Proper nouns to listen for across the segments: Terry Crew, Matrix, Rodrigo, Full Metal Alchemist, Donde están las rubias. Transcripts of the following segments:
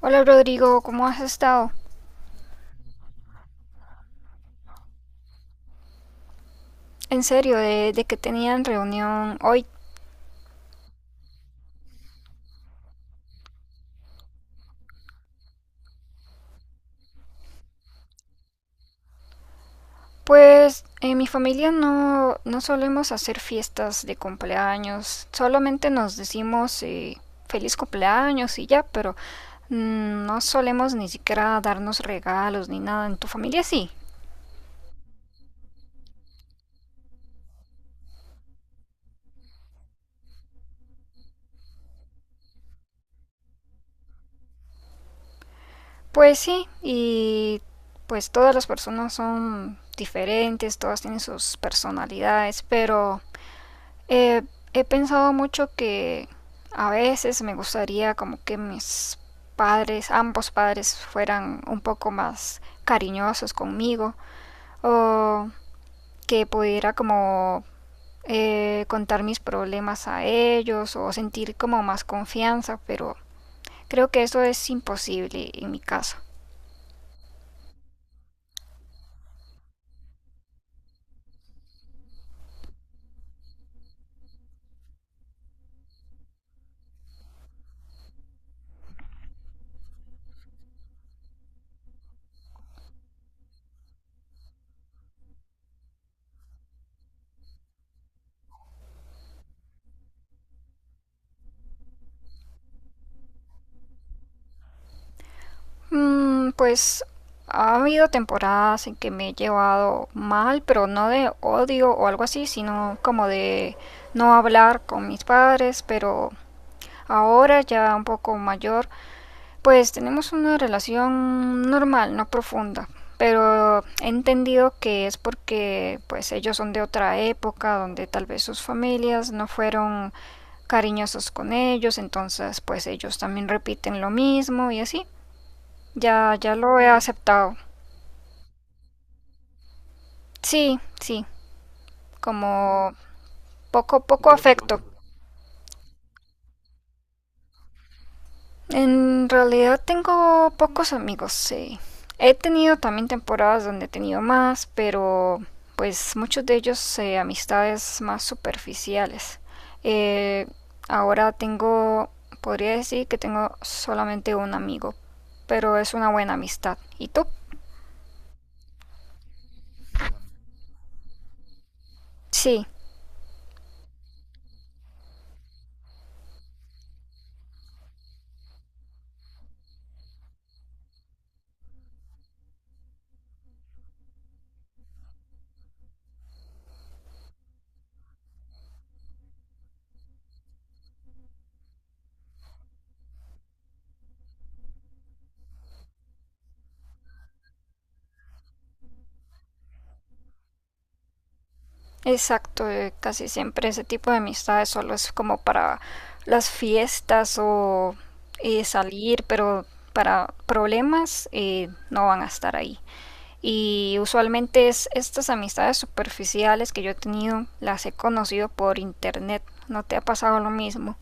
Hola Rodrigo, ¿cómo has estado? ¿En serio? ¿De que tenían reunión hoy? Pues en mi familia no solemos hacer fiestas de cumpleaños, solamente nos decimos feliz cumpleaños y ya, pero no solemos ni siquiera darnos regalos ni nada. ¿En tu familia sí? Pues sí, y pues todas las personas son diferentes, todas tienen sus personalidades, pero Eh, he pensado mucho que a veces me gustaría como que mis padres, ambos padres, fueran un poco más cariñosos conmigo, o que pudiera como contar mis problemas a ellos o sentir como más confianza, pero creo que eso es imposible en mi caso. Pues ha habido temporadas en que me he llevado mal, pero no de odio o algo así, sino como de no hablar con mis padres, pero ahora ya un poco mayor, pues tenemos una relación normal, no profunda, pero he entendido que es porque pues ellos son de otra época donde tal vez sus familias no fueron cariñosos con ellos, entonces pues ellos también repiten lo mismo y así. Ya, ya lo he aceptado. Sí, sí, como poco, poco afecto. En realidad tengo pocos amigos, sí. He tenido también temporadas donde he tenido más, pero pues muchos de ellos amistades más superficiales. Eh, ahora podría decir que tengo solamente un amigo, pero es una buena amistad. ¿Y tú? Sí. Exacto, casi siempre ese tipo de amistades solo es como para las fiestas o salir, pero para problemas no van a estar ahí. Y usualmente es estas amistades superficiales que yo he tenido, las he conocido por internet. ¿No te ha pasado lo mismo?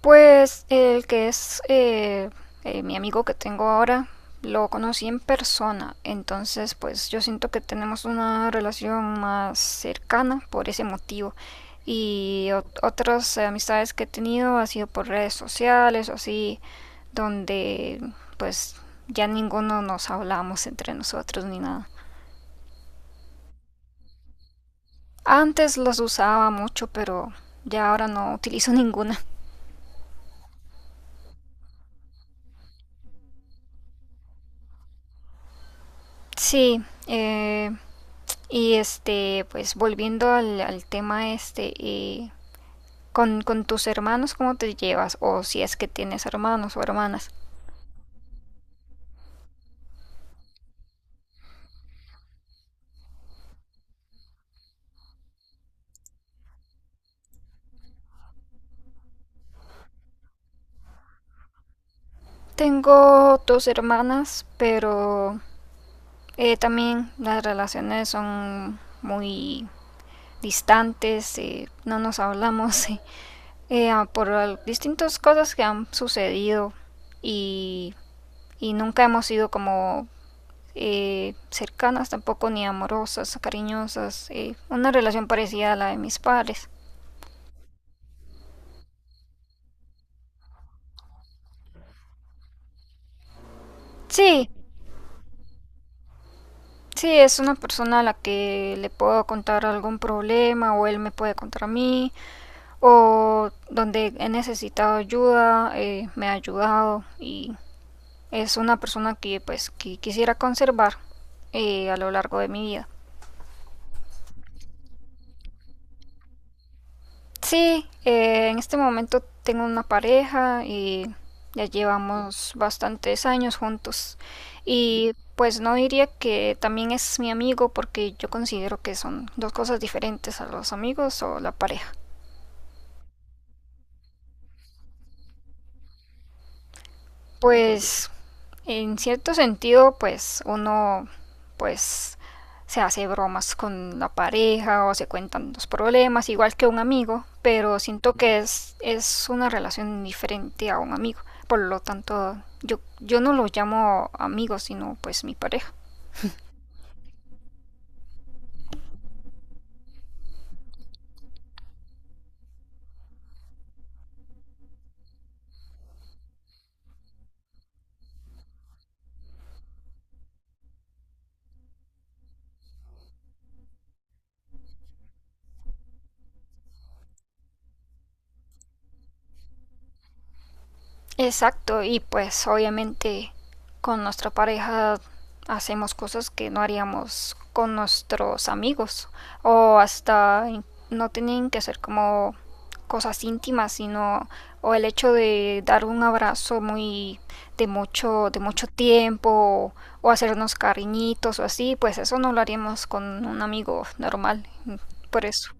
Pues el que es mi amigo que tengo ahora, lo conocí en persona, entonces pues yo siento que tenemos una relación más cercana por ese motivo. Y otras amistades que he tenido ha sido por redes sociales o así, donde pues ya ninguno nos hablamos entre nosotros ni nada. Antes las usaba mucho, pero ya ahora no utilizo ninguna. Sí, y este, pues volviendo al tema este, con tus hermanos, ¿cómo te llevas? O si es que tienes hermanos o hermanas. Tengo dos hermanas, pero también las relaciones son muy distantes, no nos hablamos por distintas cosas que han sucedido y, y nunca hemos sido como cercanas, tampoco ni amorosas, cariñosas, una relación parecida a la de mis padres. Sí, sí, es una persona a la que le puedo contar algún problema o él me puede contar a mí, o donde he necesitado ayuda, me ha ayudado, y es una persona que pues que quisiera conservar a lo largo de mi vida. Sí, en este momento tengo una pareja y ya llevamos bastantes años juntos. Y pues no diría que también es mi amigo porque yo considero que son dos cosas diferentes a los amigos o la pareja. Pues en cierto sentido, pues uno pues se hace bromas con la pareja o se cuentan los problemas, igual que un amigo, pero siento que es una relación diferente a un amigo. Por lo tanto, yo no los llamo amigos sino pues mi pareja. Exacto, y pues obviamente con nuestra pareja hacemos cosas que no haríamos con nuestros amigos, o hasta no tienen que ser como cosas íntimas, sino o el hecho de dar un abrazo muy de mucho tiempo, o hacernos cariñitos o así, pues eso no lo haríamos con un amigo normal, por eso.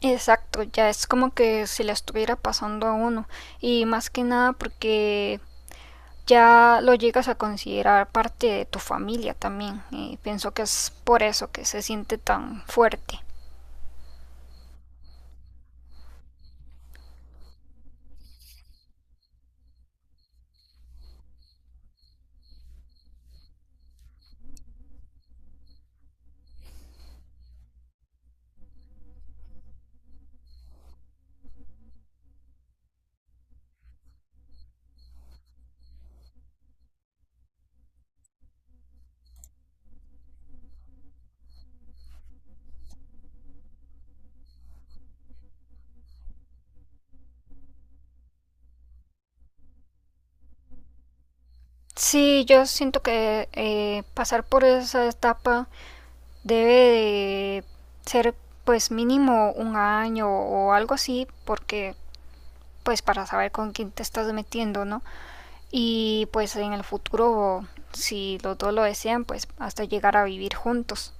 Exacto, ya es como que se le estuviera pasando a uno, y más que nada porque ya lo llegas a considerar parte de tu familia también, y pienso que es por eso que se siente tan fuerte. Sí, yo siento que pasar por esa etapa debe de ser pues mínimo un año o algo así, porque pues para saber con quién te estás metiendo, ¿no? Y pues en el futuro, si los dos lo desean, pues hasta llegar a vivir juntos.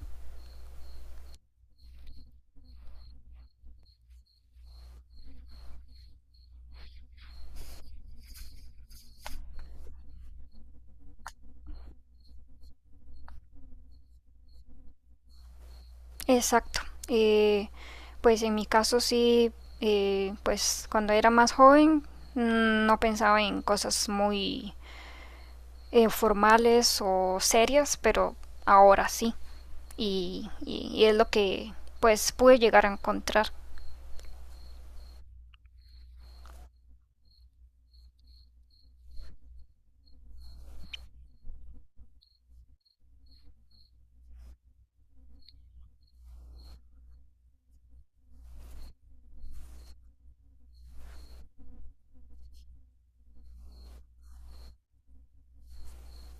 Exacto. Eh, pues en mi caso sí, pues cuando era más joven no pensaba en cosas muy formales o serias, pero ahora sí. Y es lo que pues pude llegar a encontrar.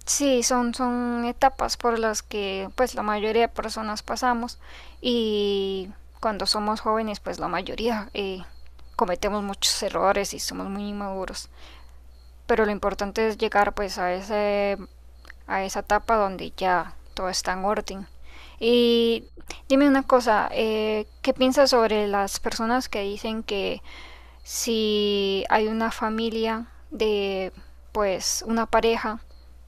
Sí, son, son etapas por las que pues la mayoría de personas pasamos, y cuando somos jóvenes pues la mayoría cometemos muchos errores y somos muy inmaduros. Pero lo importante es llegar pues a esa etapa donde ya todo está en orden. Y dime una cosa, ¿qué piensas sobre las personas que dicen que si hay una familia de pues una pareja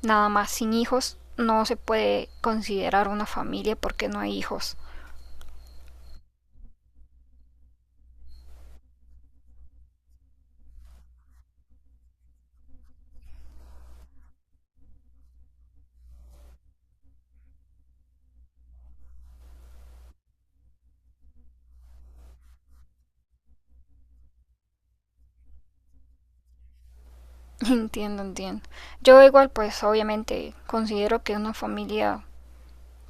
nada más sin hijos no se puede considerar una familia porque no hay hijos? Entiendo, entiendo. Yo igual pues obviamente considero que una familia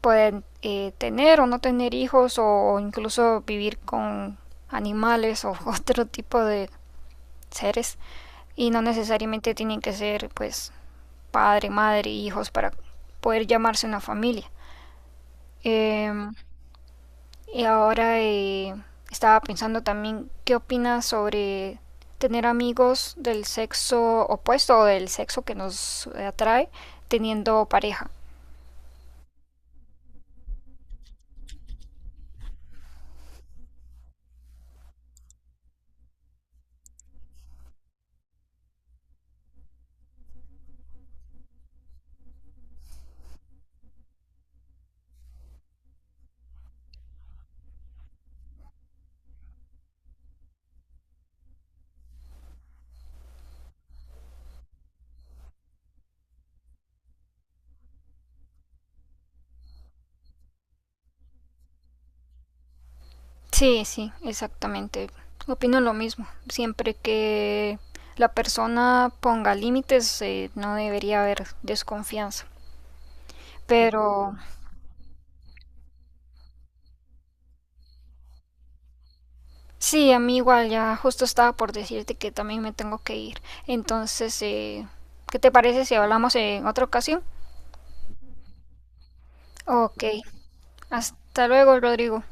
puede tener o no tener hijos o incluso vivir con animales o otro tipo de seres, y no necesariamente tienen que ser pues padre, madre, hijos para poder llamarse una familia. Eh, Y ahora estaba pensando también, ¿qué opinas sobre tener amigos del sexo opuesto o del sexo que nos atrae teniendo pareja? Sí, sí, exactamente. Opino lo mismo. Siempre que la persona ponga límites, no debería haber desconfianza. Pero sí, a mí igual ya justo estaba por decirte que también me tengo que ir. Entonces, ¿qué te parece si hablamos en otra ocasión? Ok. Hasta luego, Rodrigo.